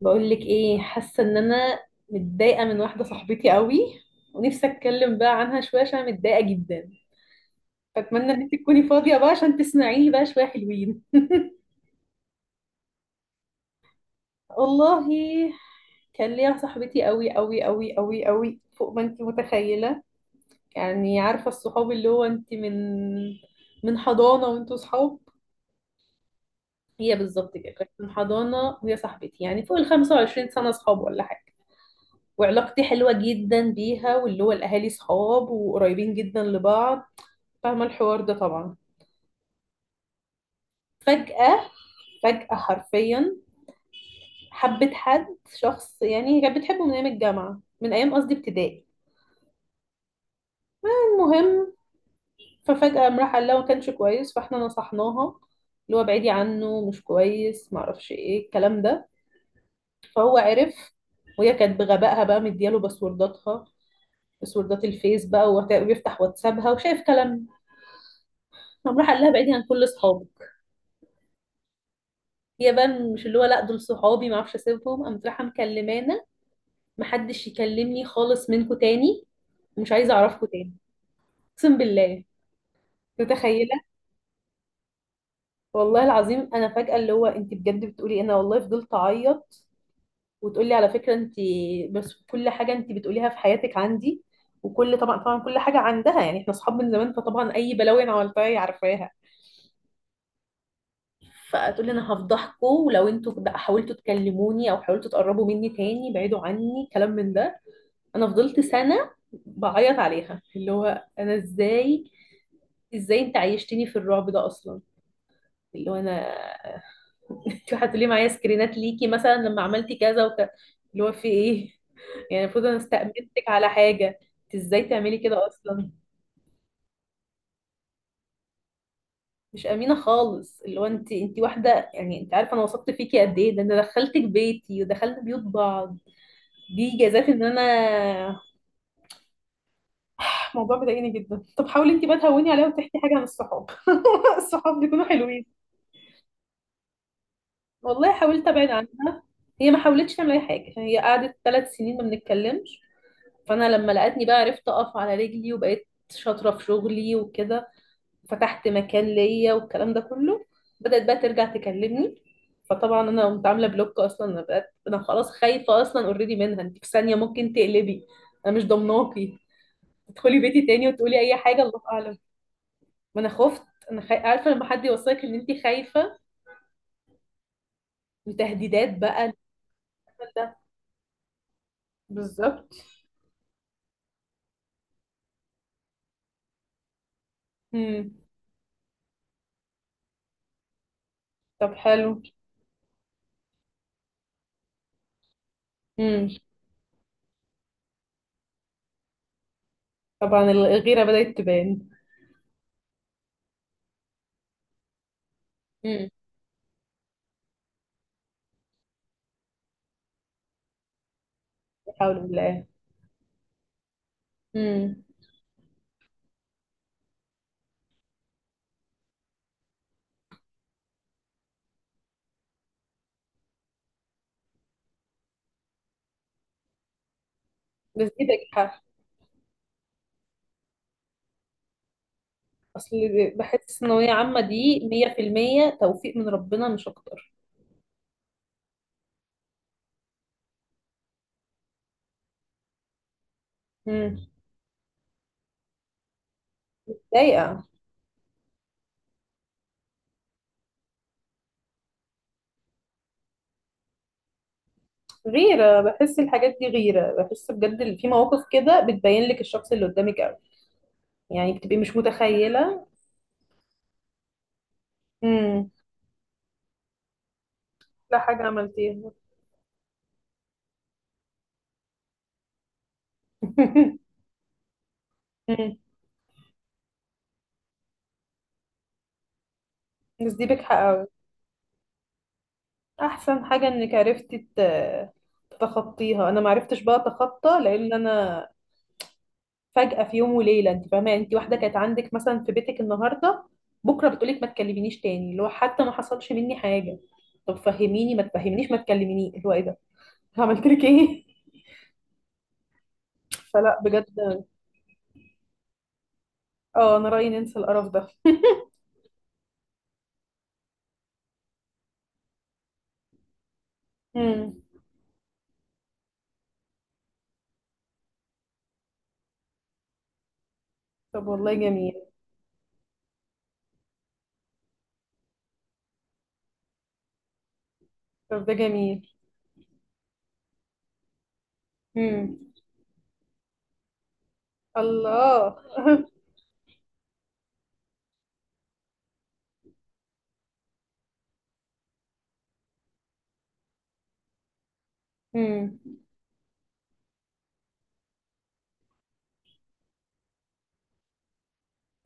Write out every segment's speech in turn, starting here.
بقول لك ايه حاسه ان انا متضايقه من واحده صاحبتي قوي، ونفسي اتكلم بقى عنها شويه عشان أنا متضايقه جدا. فاتمنى ان انت تكوني فاضيه بقى عشان تسمعيني بقى شويه حلوين. والله كان ليا صاحبتي قوي قوي قوي قوي قوي فوق ما انت متخيله. يعني عارفه الصحاب اللي هو انت من حضانه وانتوا صحاب. هي بالظبط كده كانت من حضانه، وهي صاحبتي يعني فوق ال 25 سنه صحاب ولا حاجه. وعلاقتي حلوة جدا بيها، واللي هو الأهالي صحاب وقريبين جدا لبعض. فاهمة الحوار ده طبعا. فجأة، فجأة حرفيا، حبت حد، شخص. يعني هي كانت بتحبه من أيام الجامعة، من أيام قصدي ابتدائي. المهم، ففجأة قام راح قال لها ما كانش كويس، فاحنا نصحناها اللي هو ابعدي عنه مش كويس، معرفش ايه الكلام ده. فهو عرف. وهي كانت بغبائها بقى مدياله باسورداتها، باسوردات الفيس بقى، وبيفتح واتسابها وشايف كلام. قام راح قال لها ابعدي عن كل اصحابك. هي بقى مش، اللي هو لا دول صحابي ما اعرفش اسيبهم، قامت رايحه مكلمانا محدش يكلمني خالص منكم تاني، مش عايزه اعرفكم تاني. اقسم بالله، متخيله. والله العظيم انا فجاه اللي هو انت بجد بتقولي إيه؟ انا والله فضلت اعيط. وتقولي على فكره انت بس كل حاجه انت بتقوليها في حياتك عندي. وكل طبعا طبعا كل حاجه عندها. يعني احنا اصحاب من زمان، فطبعا اي بلاوي انا عملتها هي عارفاها. فتقولي انا هفضحكم، ولو انتوا بقى حاولتوا تكلموني او حاولتوا تقربوا مني تاني بعيدوا عني، كلام من ده. انا فضلت سنة بعيط عليها، اللي هو انا ازاي، ازاي انت عيشتني في الرعب ده اصلا. اللي هو انا. انت هتقولي معايا سكرينات ليكي مثلا لما عملتي كذا وكذا، اللي هو في ايه؟ يعني المفروض انا استأمنتك على حاجة، انت ازاي تعملي كده اصلا؟ مش امينة خالص. اللي هو انت واحدة، يعني انت عارفة انا وثقت فيكي قد ايه. ده انا دخلتك بيتي ودخلنا بيوت بعض. دي جازات ان انا، الموضوع مضايقني جدا. طب حاولي انت بقى تهوني عليها وتحكي حاجه عن الصحاب. الصحاب بيكونوا حلوين. والله حاولت ابعد عنها. هي ما حاولتش تعمل اي حاجه. هي قعدت ثلاث سنين ما بنتكلمش. فانا لما لقيتني بقى عرفت اقف على رجلي، وبقيت شاطره في شغلي وكده، فتحت مكان ليا والكلام ده كله. بدات بقى ترجع تكلمني. فطبعا انا قمت عامله بلوك. اصلا انا بقيت انا خلاص خايفه. اصلا اوريدي منها انت في ثانيه ممكن تقلبي، انا مش ضمناكي تدخلي بيتي تاني وتقولي اي حاجه الله اعلم. ما انا خفت انا عارفه لما حد يوصلك ان انت خايفه، وتهديدات بقى. ده بالظبط. امم. طب حلو. امم. طبعا الغيره بدات تبان. امم. لا حول بالله. امم. بس دي دجحه. اصل بحس الثانويه عامه دي 100% توفيق من ربنا مش اكتر. امم. ضايقه. غيره. بحس الحاجات دي غيره، بحس بجد إن في مواقف كده بتبين لك الشخص اللي قدامك قوي. يعني بتبقي مش متخيله. امم. لا حاجه عملتيها. بس دي بجحة قوي. احسن حاجة انك عرفتي تتخطيها. انا ما عرفتش بقى اتخطى، لان انا فجأة في يوم وليلة، انت فاهمة، يعني انت واحدة كانت عندك مثلا في بيتك النهاردة، بكرة بتقولك ما تكلمينيش تاني، اللي هو حتى ما حصلش مني حاجة. طب فهميني ما تفهمنيش ما تكلميني اللي هو ايه ده؟ عملت لك ايه؟ فلا بجد. اه انا رأيي ننسى القرف ده. مم. طب والله جميل. طب ده جميل. مم. الله. مم.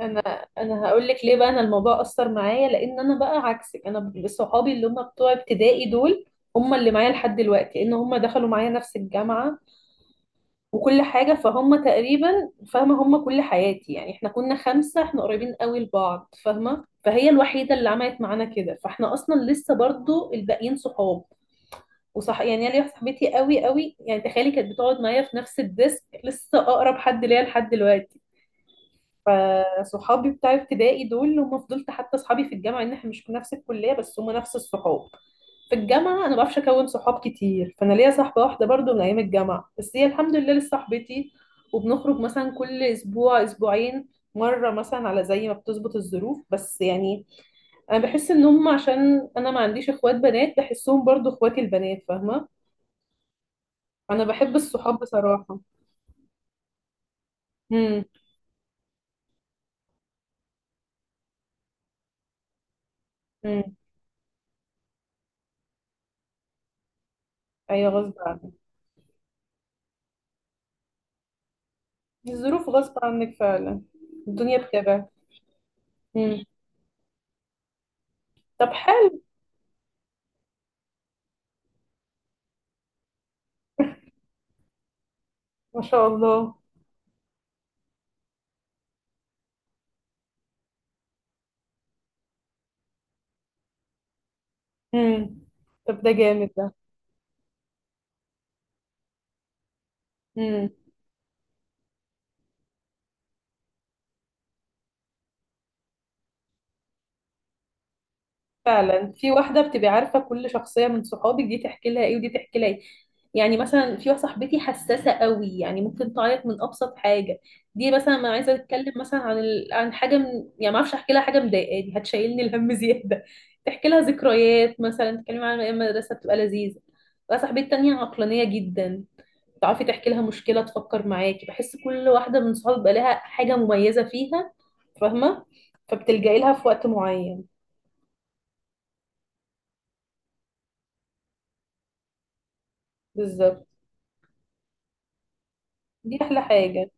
انا انا هقول لك ليه بقى. انا الموضوع اثر معايا لان انا بقى عكسك. انا صحابي اللي هم بتوع ابتدائي دول هم اللي معايا لحد دلوقتي، لان هم دخلوا معايا نفس الجامعه وكل حاجه، فهم تقريبا فاهمه هم كل حياتي. يعني احنا كنا خمسه احنا قريبين قوي لبعض، فاهمه، فهي الوحيده اللي عملت معانا كده، فاحنا اصلا لسه برضو الباقيين صحاب. وصح يعني أنا ليا صاحبتي قوي قوي، يعني تخيلي كانت بتقعد معايا في نفس الديسك لسه اقرب حد ليا لحد دلوقتي. فصحابي بتاع ابتدائي دول هم فضلت حتى صحابي في الجامعه ان احنا مش في نفس الكليه بس هم نفس الصحاب. في الجامعه انا ما بعرفش اكون صحاب كتير، فانا ليا صاحبه واحده برضو من ايام الجامعه، بس هي الحمد لله لسه صاحبتي. وبنخرج مثلا كل اسبوع اسبوعين مره مثلا، على زي ما بتظبط الظروف بس يعني. انا بحس ان هم عشان انا ما عنديش اخوات بنات بحسهم برضو اخواتي البنات، فاهمه. انا بحب الصحاب بصراحه. امم. امم. ايوه غصب عنك. الظروف غصب عنك فعلا. الدنيا بكده. مم. طب حلو. ما شاء الله. مم. طب ده جامد ده. مم. فعلا في واحدة بتبقى عارفة كل شخصية من صحابك، دي تحكي لها ايه ودي تحكي لها ايه. يعني مثلا في واحدة صاحبتي حساسة قوي يعني ممكن تعيط من أبسط حاجة. دي مثلا ما عايزة تتكلم مثلا عن عن حاجة يعني ما اعرفش احكي لها حاجة مضايقاني هتشيلني الهم زيادة. تحكي لها ذكريات مثلا، تتكلم عن أيام المدرسة بتبقى لذيذة. بقى صاحبتي التانية عقلانية جدا. تعرفي تحكي لها مشكلة تفكر معاكي. بحس كل واحدة من صحابي بقى لها حاجة مميزة فيها، فاهمة. فبتلجئي لها في وقت معين. بالظبط. دي أحلى حاجة.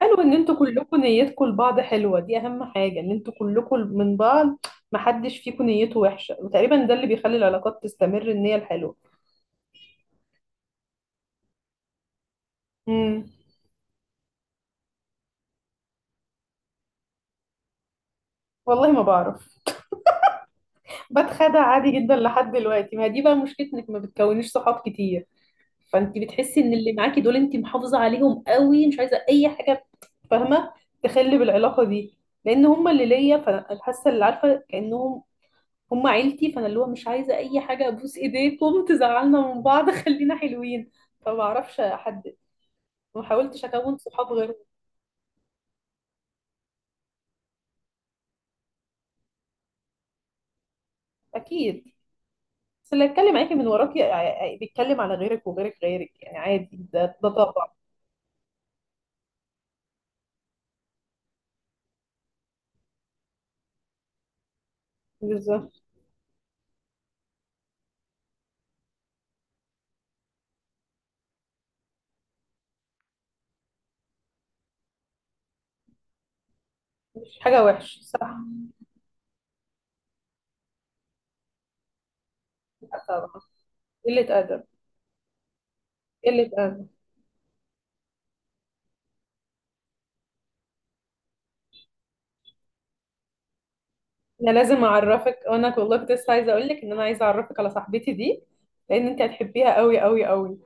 حلو إن انتوا كلكم نيتكم لبعض حلوة. دي أهم حاجة إن انتوا كلكم من بعض محدش فيكم نيته وحشة، وتقريبا ده اللي بيخلي العلاقات تستمر، النية الحلوة. امم. والله ما بعرف. بتخدع عادي جدا لحد دلوقتي. ما دي بقى مشكلتك، ما بتكونيش صحاب كتير. فانت بتحسي ان اللي معاكي دول انت محافظه عليهم قوي، مش عايزه اي حاجه، فاهمه، تخلي بالعلاقه دي. لان هم اللي ليا، فانا حاسه اللي عارفه كانهم هم عيلتي. فانا اللي هو مش عايزه اي حاجه، ابوس ايديكم تزعلنا من بعض خلينا حلوين. فما اعرفش احدد، ما حاولتش اكون صحاب غيرهم. اكيد. بس اللي اتكلم معاكي من وراكي بيتكلم على غيرك وغيرك غيرك، يعني عادي، ده طبع. بالظبط. مش حاجه وحشه صح. طبعا. قله ادب. قله ادب. انا لازم اعرفك، وانا والله كنت لسه عايزه اقول لك ان انا عايزه اعرفك على صاحبتي دي، لان انت هتحبيها قوي قوي قوي.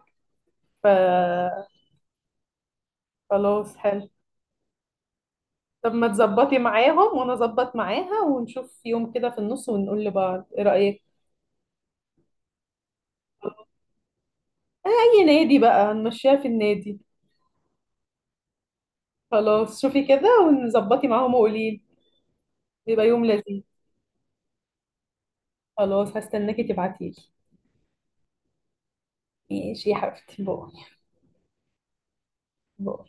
ف خلاص حلو. طب ما تظبطي معاهم وانا اظبط معاها، ونشوف يوم كده في النص ونقول لبعض ايه رايك. اي نادي بقى هنمشيها في النادي. خلاص شوفي كده ونظبطي معاهم وقولي لي. يبقى يوم لذيذ. خلاص هستناكي تبعتيلي. ماشي يا حبيبتي باي. باي.